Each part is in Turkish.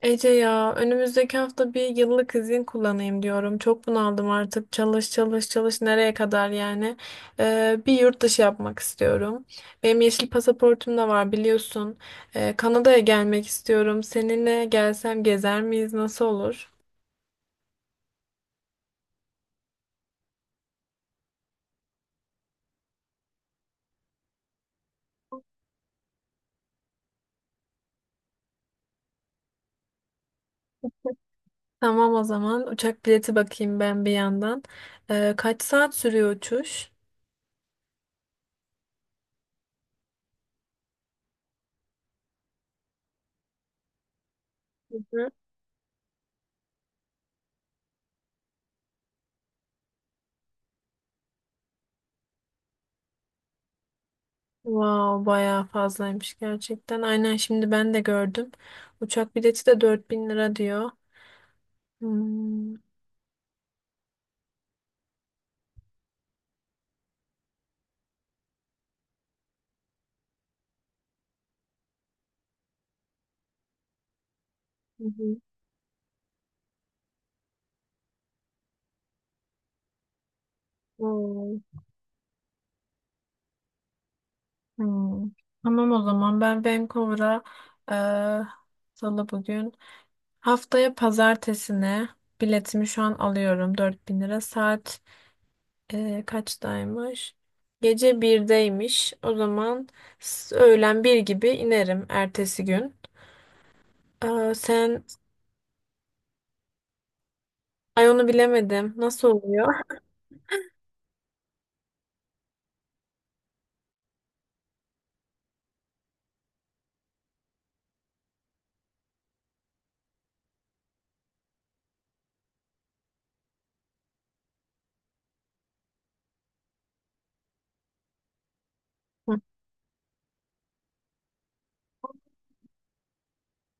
Ece ya, önümüzdeki hafta bir yıllık izin kullanayım diyorum. Çok bunaldım artık. Çalış, çalış, çalış, nereye kadar yani. Bir yurt dışı yapmak istiyorum. Benim yeşil pasaportum da var, biliyorsun. Kanada'ya gelmek istiyorum. Seninle gelsem gezer miyiz? Nasıl olur? Tamam, o zaman uçak bileti bakayım ben bir yandan. Kaç saat sürüyor uçuş? Hı hı. Wow, bayağı fazlaymış gerçekten. Aynen, şimdi ben de gördüm. Uçak bileti de 4.000 lira diyor. Hmm, hı hı. Vay. Hmm. Tamam, o zaman ben Vancouver'a eee salı bugün, haftaya pazartesine biletimi şu an alıyorum, 4.000 lira. Saat kaçtaymış? Gece 1'deymiş o zaman. Öğlen bir gibi inerim ertesi gün. Aa, sen… Ay, onu bilemedim, nasıl oluyor? Hı.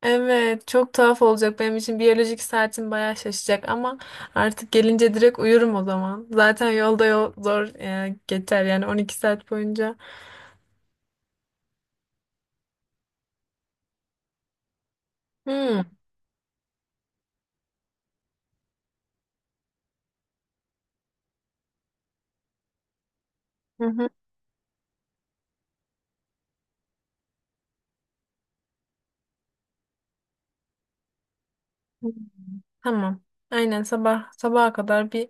Evet, çok tuhaf olacak benim için. Biyolojik saatim bayağı şaşacak ama artık gelince direkt uyurum o zaman. Zaten yolda yol zor geçer yani, 12 saat boyunca. Hı. Hı hı. Tamam. Aynen, sabah sabaha kadar bir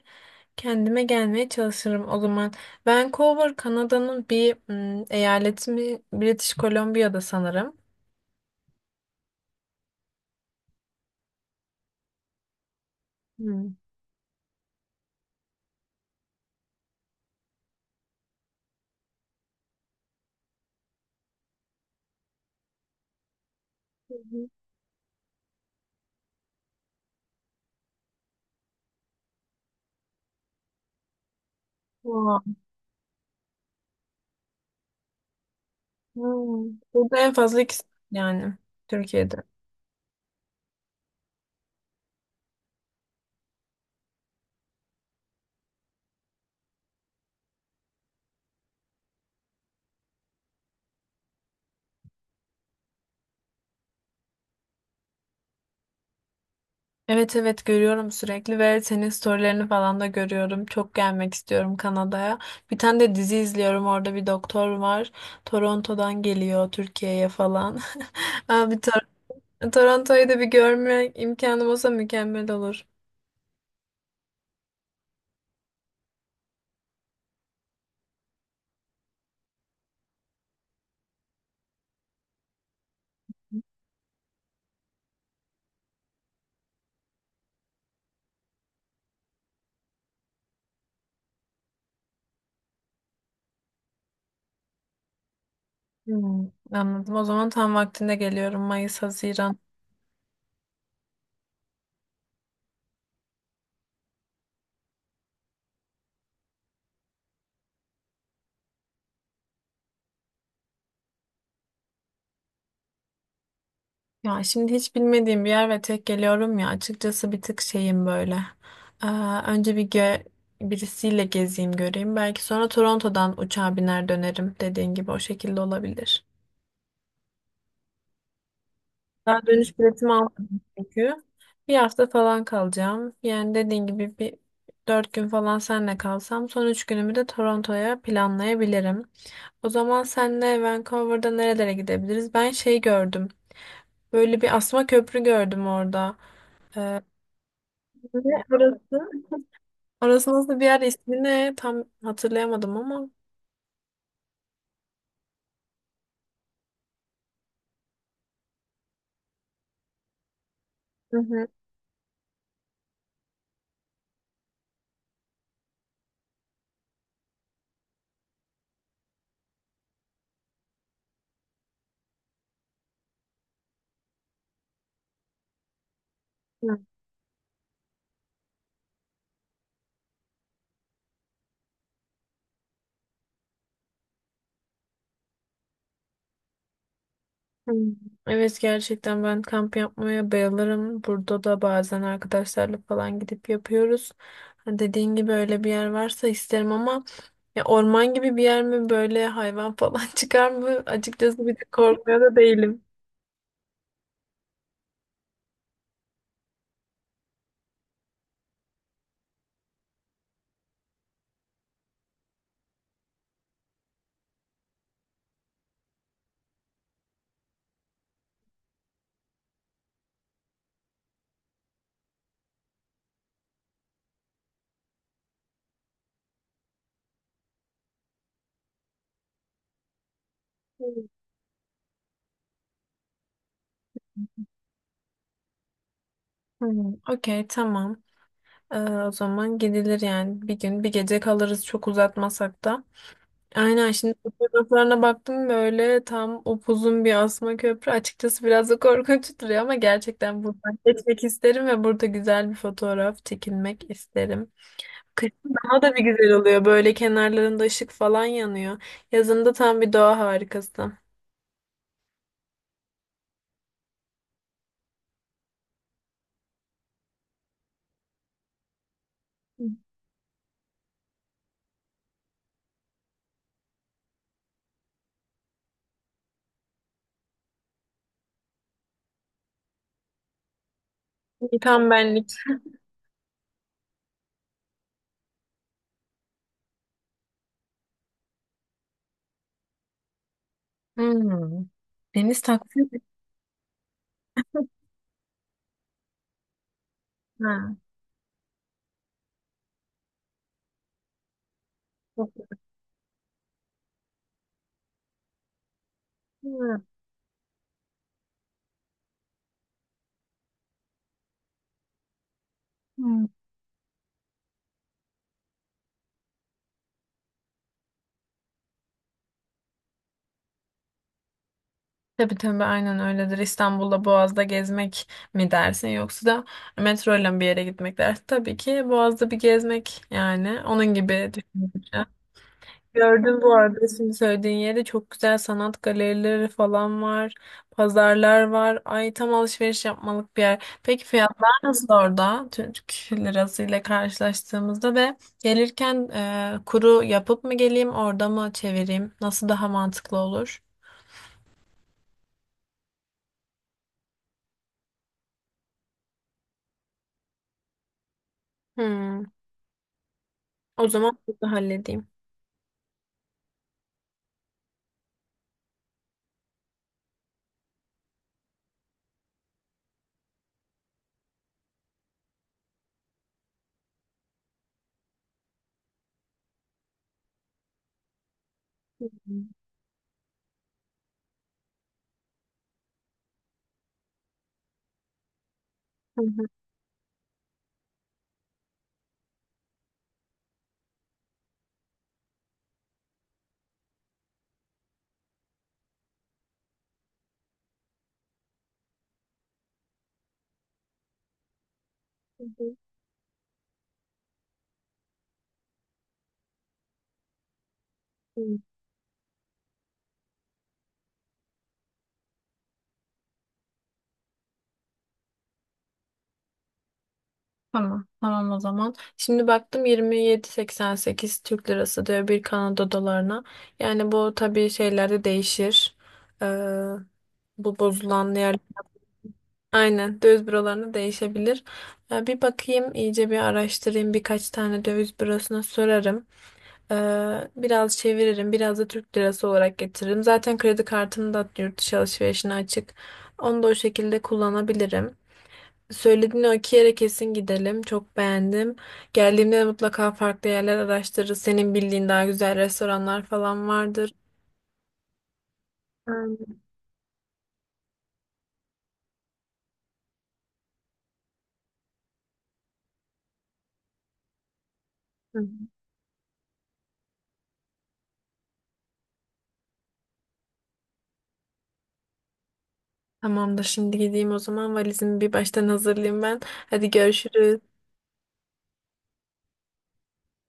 kendime gelmeye çalışırım o zaman. Vancouver Kanada'nın bir eyaleti mi? British Columbia'da sanırım. Hmm. Hı hı. Aa, hmm. Burada en fazla ikisi, yani Türkiye'de. Evet, evet, görüyorum sürekli ve senin storylerini falan da görüyorum. Çok gelmek istiyorum Kanada'ya. Bir tane de dizi izliyorum, orada bir doktor var. Toronto'dan geliyor Türkiye'ye falan. Abi, Toronto'yu da bir görme imkanım olsa mükemmel olur. Hmm, anladım. O zaman tam vaktinde geliyorum, Mayıs, Haziran. Ya şimdi hiç bilmediğim bir yer ve tek geliyorum ya, açıkçası bir tık şeyim böyle. Ee, Önce birisiyle gezeyim, göreyim. Belki sonra Toronto'dan uçağa biner dönerim, dediğin gibi, o şekilde olabilir. Daha dönüş biletimi almadım çünkü. Bir hafta falan kalacağım. Yani dediğin gibi bir 4 gün falan senle kalsam, son 3 günümü de Toronto'ya planlayabilirim. O zaman senle Vancouver'da nerelere gidebiliriz? Ben şey gördüm. Böyle bir asma köprü gördüm orada. Ee, Ne orası? Orası nasıl bir yer, ismi ne? Tam hatırlayamadım ama. Hı hı. Hmm. Evet, gerçekten ben kamp yapmaya bayılırım. Burada da bazen arkadaşlarla falan gidip yapıyoruz. Ha, dediğin gibi öyle bir yer varsa isterim ama ya, orman gibi bir yer mi? Böyle hayvan falan çıkar mı? Açıkçası bir de korkmuyor da değilim. Hmm. Hmm, okey, tamam. O zaman gidilir yani, bir gün bir gece kalırız, çok uzatmasak da. Aynen, şimdi fotoğraflarına baktım, böyle tam upuzun bir asma köprü. Açıkçası biraz da korkunç duruyor ama gerçekten buradan geçmek isterim ve burada güzel bir fotoğraf çekilmek isterim. Kışın daha da bir güzel oluyor. Böyle kenarlarında ışık falan yanıyor. Yazında tam bir doğa harikası. Tam benlik. Hmm. Deniz takvim. Ha. Hmm. Tabii, tabii, aynen öyledir. İstanbul'da Boğaz'da gezmek mi dersin, yoksa da metro ile bir yere gitmek dersin. Tabii ki Boğaz'da bir gezmek, yani onun gibi düşününce. Gördüm bu arada, şimdi söylediğin yerde çok güzel sanat galerileri falan var. Pazarlar var. Ay, tam alışveriş yapmalık bir yer. Peki fiyatlar nasıl orada? Türk lirası ile karşılaştığımızda ve gelirken kuru yapıp mı geleyim, orada mı çevireyim? Nasıl daha mantıklı olur? Hmm. O zaman burada halledeyim. Hı hı, hı hı, hı, hı. Tamam. Tamam, o zaman. Şimdi baktım, 27,88 Türk lirası diyor bir Kanada dolarına. Yani bu tabii şeylerde değişir. Ee, Bu bozulan yer. Aynen, döviz bürolarında değişebilir. Bir bakayım, iyice bir araştırayım, birkaç tane döviz bürosuna sorarım. Biraz çeviririm, biraz da Türk lirası olarak getiririm. Zaten kredi kartım da yurt dışı alışverişine açık. Onu da o şekilde kullanabilirim. Söylediğin o iki yere kesin gidelim, çok beğendim. Geldiğimde de mutlaka farklı yerler araştırırız. Senin bildiğin daha güzel restoranlar falan vardır. Aynen. Hı hı. Tamamdır. Şimdi gideyim o zaman. Valizimi bir baştan hazırlayayım ben. Hadi görüşürüz.